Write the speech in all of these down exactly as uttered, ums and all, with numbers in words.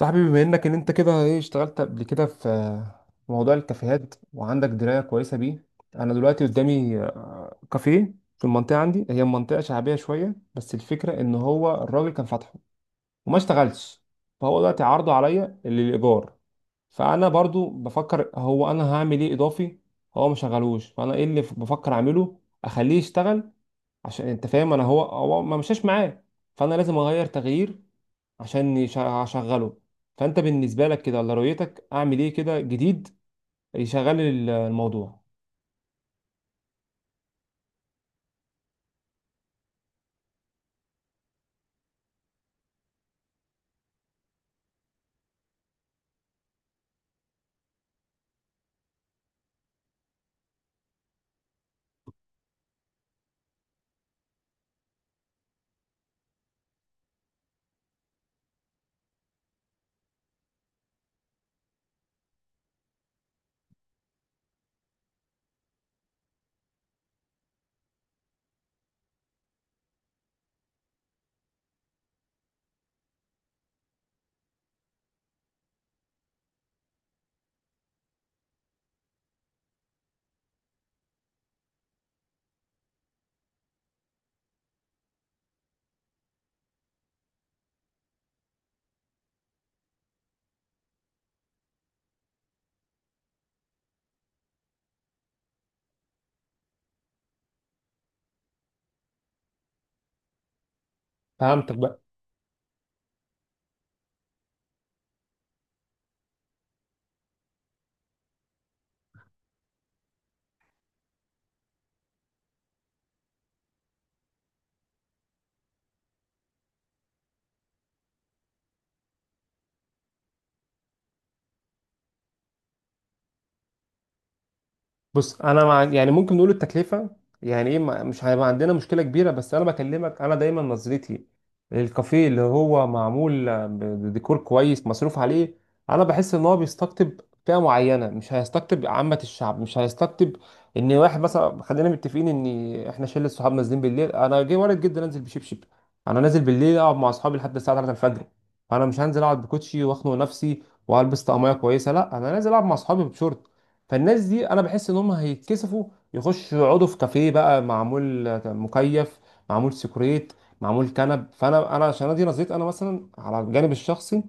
صاحبي، بما انك ان انت كده ايه اشتغلت قبل كده في في موضوع الكافيهات وعندك درايه كويسه بيه. انا دلوقتي قدامي آه، كافيه في المنطقه، عندي هي منطقه شعبيه شويه، بس الفكره ان هو الراجل كان فاتحه وما اشتغلش. فهو دلوقتي عرضه عليا اللي للايجار. فانا برضو بفكر، هو انا هعمل ايه اضافي؟ هو ما شغلوش، فانا ايه اللي بفكر اعمله اخليه يشتغل؟ عشان انت فاهم انا هو هو ما مشاش معاه. فانا لازم اغير تغيير عشان يش- اشغله. فانت بالنسبه لك كده، ولا رؤيتك اعمل ايه كده جديد يشغل ال- الموضوع؟ فهمتك بقى. بص، انا مع، يعني ممكن نقول التكلفه، يعني ايه، ما- مش هيبقى عندنا مشكله كبيره. بس انا بكلمك، انا دايما نظرتي للكافيه اللي هو معمول بديكور كويس مصروف عليه، انا بحس ان هو بيستقطب فئه معينه، مش هيستقطب عامه الشعب، مش هيستقطب ان واحد مثلا. خلينا متفقين ان احنا شله صحاب نازلين بالليل، انا جاي وارد جدا انزل بشبشب. انا نازل بالليل اقعد مع اصحابي لحد الساعه تلاته الفجر، فانا مش هنزل اقعد بكوتشي واخنق نفسي والبس طقميه كويسه، لا انا نازل العب مع اصحابي بشورت. فالناس دي انا بحس ان هم هيتكسفوا يخشوا يقعدوا في كافيه بقى معمول مكيف، معمول سيكوريت، معمول كنب. فانا، انا عشان ادي نظريت انا مثلا على الجانب الشخصي،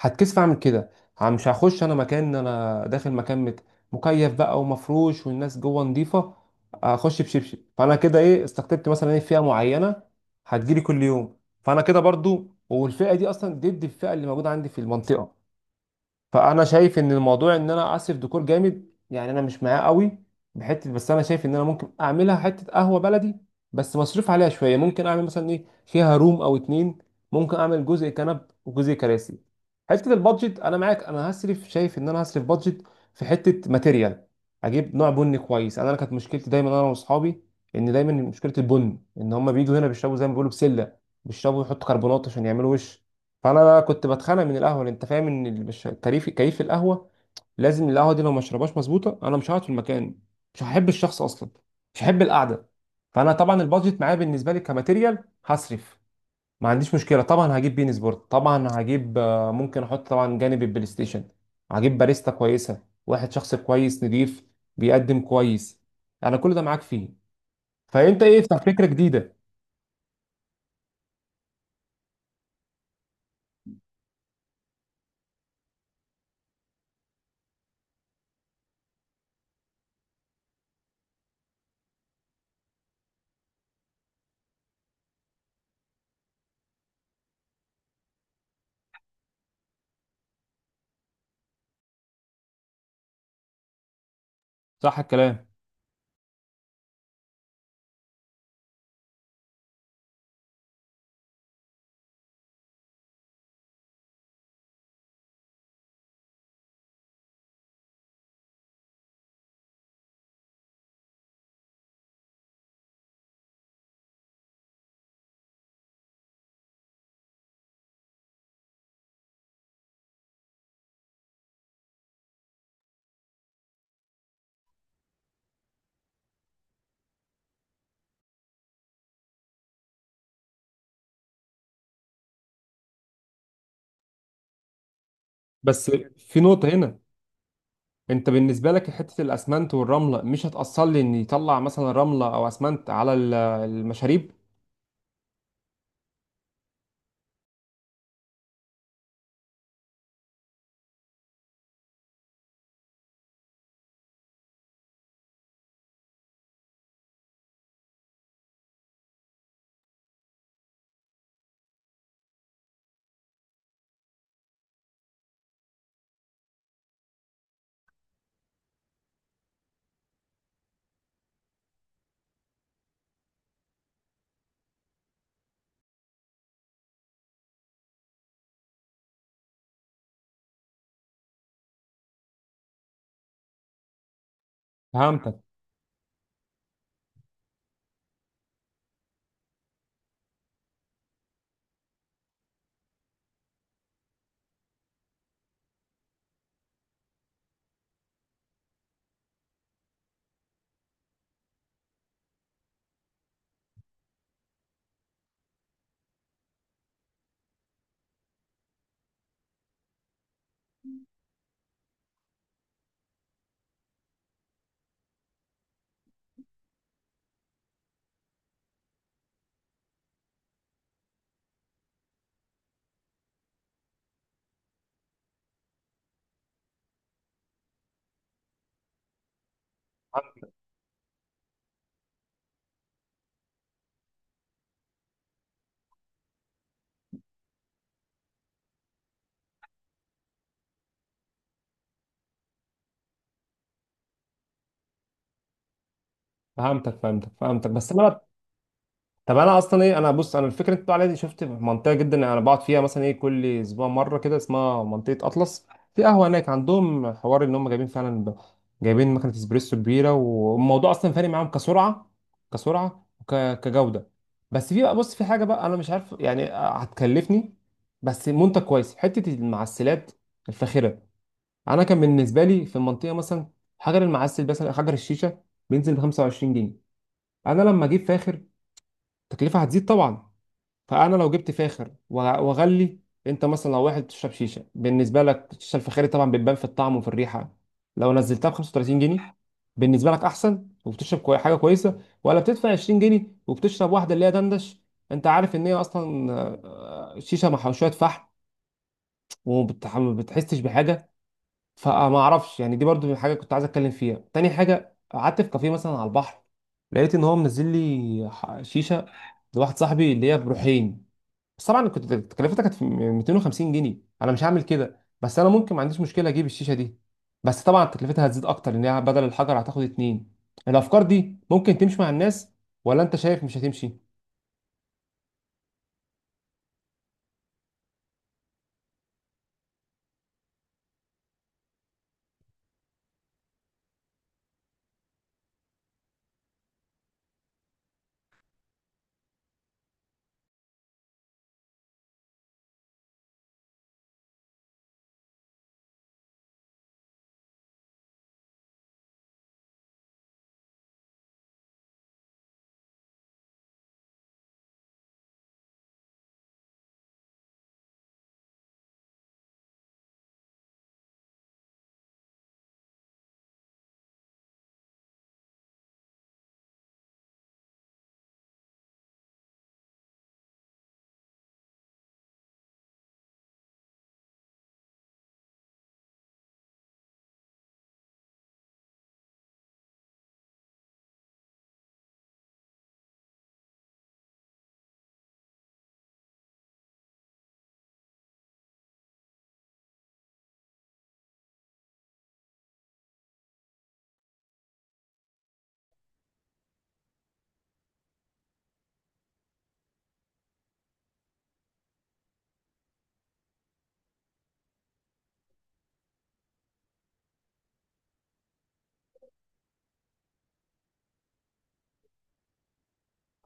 هتكسف اعمل كده. ه- مش هخش انا مكان، انا داخل مكان مت- مكيف بقى ومفروش والناس جوه نظيفه، اخش بشبشب. فانا كده ايه، استقطبت مثلا ايه، فئه معينه هتجيلي كل يوم؟ فانا كده برضو، والفئه دي اصلا ضد الفئه اللي موجوده عندي في المنطقه. فانا شايف ان الموضوع ان انا اصرف ديكور جامد، يعني انا مش معاه قوي بحته. بس انا شايف ان انا ممكن اعملها حته قهوه بلدي بس مصروف عليها شويه. ممكن اعمل مثلا ايه، فيها روم او اتنين، ممكن اعمل جزء كنب وجزء كراسي. حته البادجت، انا معاك، انا هصرف، شايف ان انا هصرف بادجت في حته ماتيريال، اجيب نوع بني كويس. انا أنا كانت مشكلتي دايما انا واصحابي، ان دايما مشكله البن، ان هم بيجوا هنا بيشربوا زي ما بيقولوا بسله، بيشربوا يحطوا كربونات عشان يعملوا وش. فانا بقى كنت بتخانق من القهوه، لأن انت فاهم ان ال- مش كيف كيف القهوه. لازم القهوه دي لو ما اشربهاش مظبوطه، انا مش هقعد في المكان، مش هحب الشخص اصلا، مش هحب القعده. فانا طبعا البادجت معايا، بالنسبه لي كماتيريال هصرف، ما عنديش مشكله. طبعا هجيب بين سبورت، طبعا هجيب، آه، ممكن احط طبعا جانب البلاي ستيشن. هجيب باريستا كويسه، واحد شخص كويس نضيف، بيقدم كويس. انا كل ده معاك فيه. فانت ايه، افتح فكره جديده. صح الكلام. بس في نقطه هنا، انت بالنسبه لك حته الاسمنت والرمله مش هتاثر لي ان يطلع مثلا رمله او اسمنت على ال- المشاريب؟ فهمتك، فهمتك، فهمتك، فهمتك. بس انا، طب انا اصلا ايه، انا بص، انا الفكره اللي انت بتقول عليها دي شفت في منطقه، جدا انا بقعد فيها مثلا ايه كل اسبوع مره كده، اسمها منطقه اطلس. في قهوه هناك عندهم حوار ان هم جايبين فعلا ب... جايبين مكنه اسبريسو كبيره، والموضوع اصلا فارق معاهم كسرعه، كسرعه وك... كجوده. بس في بقى، بص، في حاجه بقى انا مش عارف، يعني آه، هتكلفني، بس منتج كويس، حته المعسلات الفاخره. انا كان بالنسبه لي في المنطقه مثلا، حجر المعسل مثلا، حجر الشيشه، بينزل ب خمسة وعشرين جنيه. انا لما اجيب فاخر، التكلفه هتزيد طبعا. فانا لو جبت فاخر وأ- واغلي، انت مثلا لو واحد بتشرب شيشه، بالنسبه لك الشيشه الفخاري طبعا بتبان في الطعم وفي الريحه. لو نزلتها ب خمسة وتلاتين جنيه، بالنسبه لك احسن، وبتشرب كوي حاجه كويسه، ولا بتدفع عشرين جنيه وبتشرب واحده اللي هي دندش؟ انت عارف ان هي اصلا آه، شيشه مع شويه فحم، وما بتح- ما بتحسش بحاجه. فما اعرفش يعني، دي برضو حاجه كنت عايز اتكلم فيها. تاني حاجه، قعدت في كافيه مثلا على البحر، لقيت ان هو منزل لي ح- شيشه لواحد صاحبي اللي هي بروحين. بس طبعا كنت تكلفتها كانت في ميتين وخمسين جنيه، انا مش هعمل كده، بس انا ممكن ما عنديش مشكله اجيب الشيشه دي، بس طبعا تكلفتها هتزيد اكتر، لان هي بدل الحجر هتاخد اتنين. الافكار دي ممكن تمشي مع الناس، ولا انت شايف مش هتمشي؟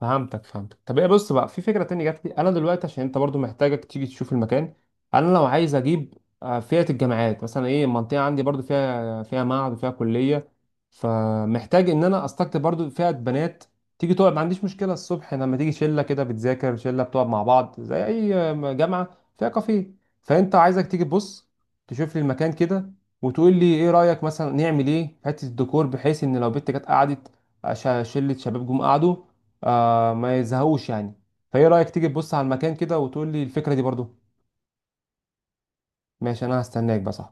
فهمتك، فهمتك. طب ايه، بص بقى، في فكره تانية جات لي انا دلوقتي، عشان انت برضو محتاجك تيجي تشوف المكان. انا لو عايز اجيب آه، فئه الجامعات مثلا ايه، المنطقه عندي برضو فيها فيها معهد وفيها كليه. فمحتاج ان انا استقطب برضو فئه بنات تيجي تقعد، ما عنديش مشكله، الصبح لما تيجي شله كده بتذاكر، شله بتقعد مع بعض زي اي آه، جامعه فيها كافيه. فانت عايزك تيجي تبص تشوف لي المكان كده، وتقول لي ايه رايك مثلا نعمل ايه في حته الديكور، بحيث ان لو بنت جت قعدت، آه، ش- شله شباب جم قعدوا، آه ما يزهقوش يعني. فايه رأيك تيجي تبص على المكان كده وتقول لي الفكرة دي برضو؟ ماشي، انا هستناك بس.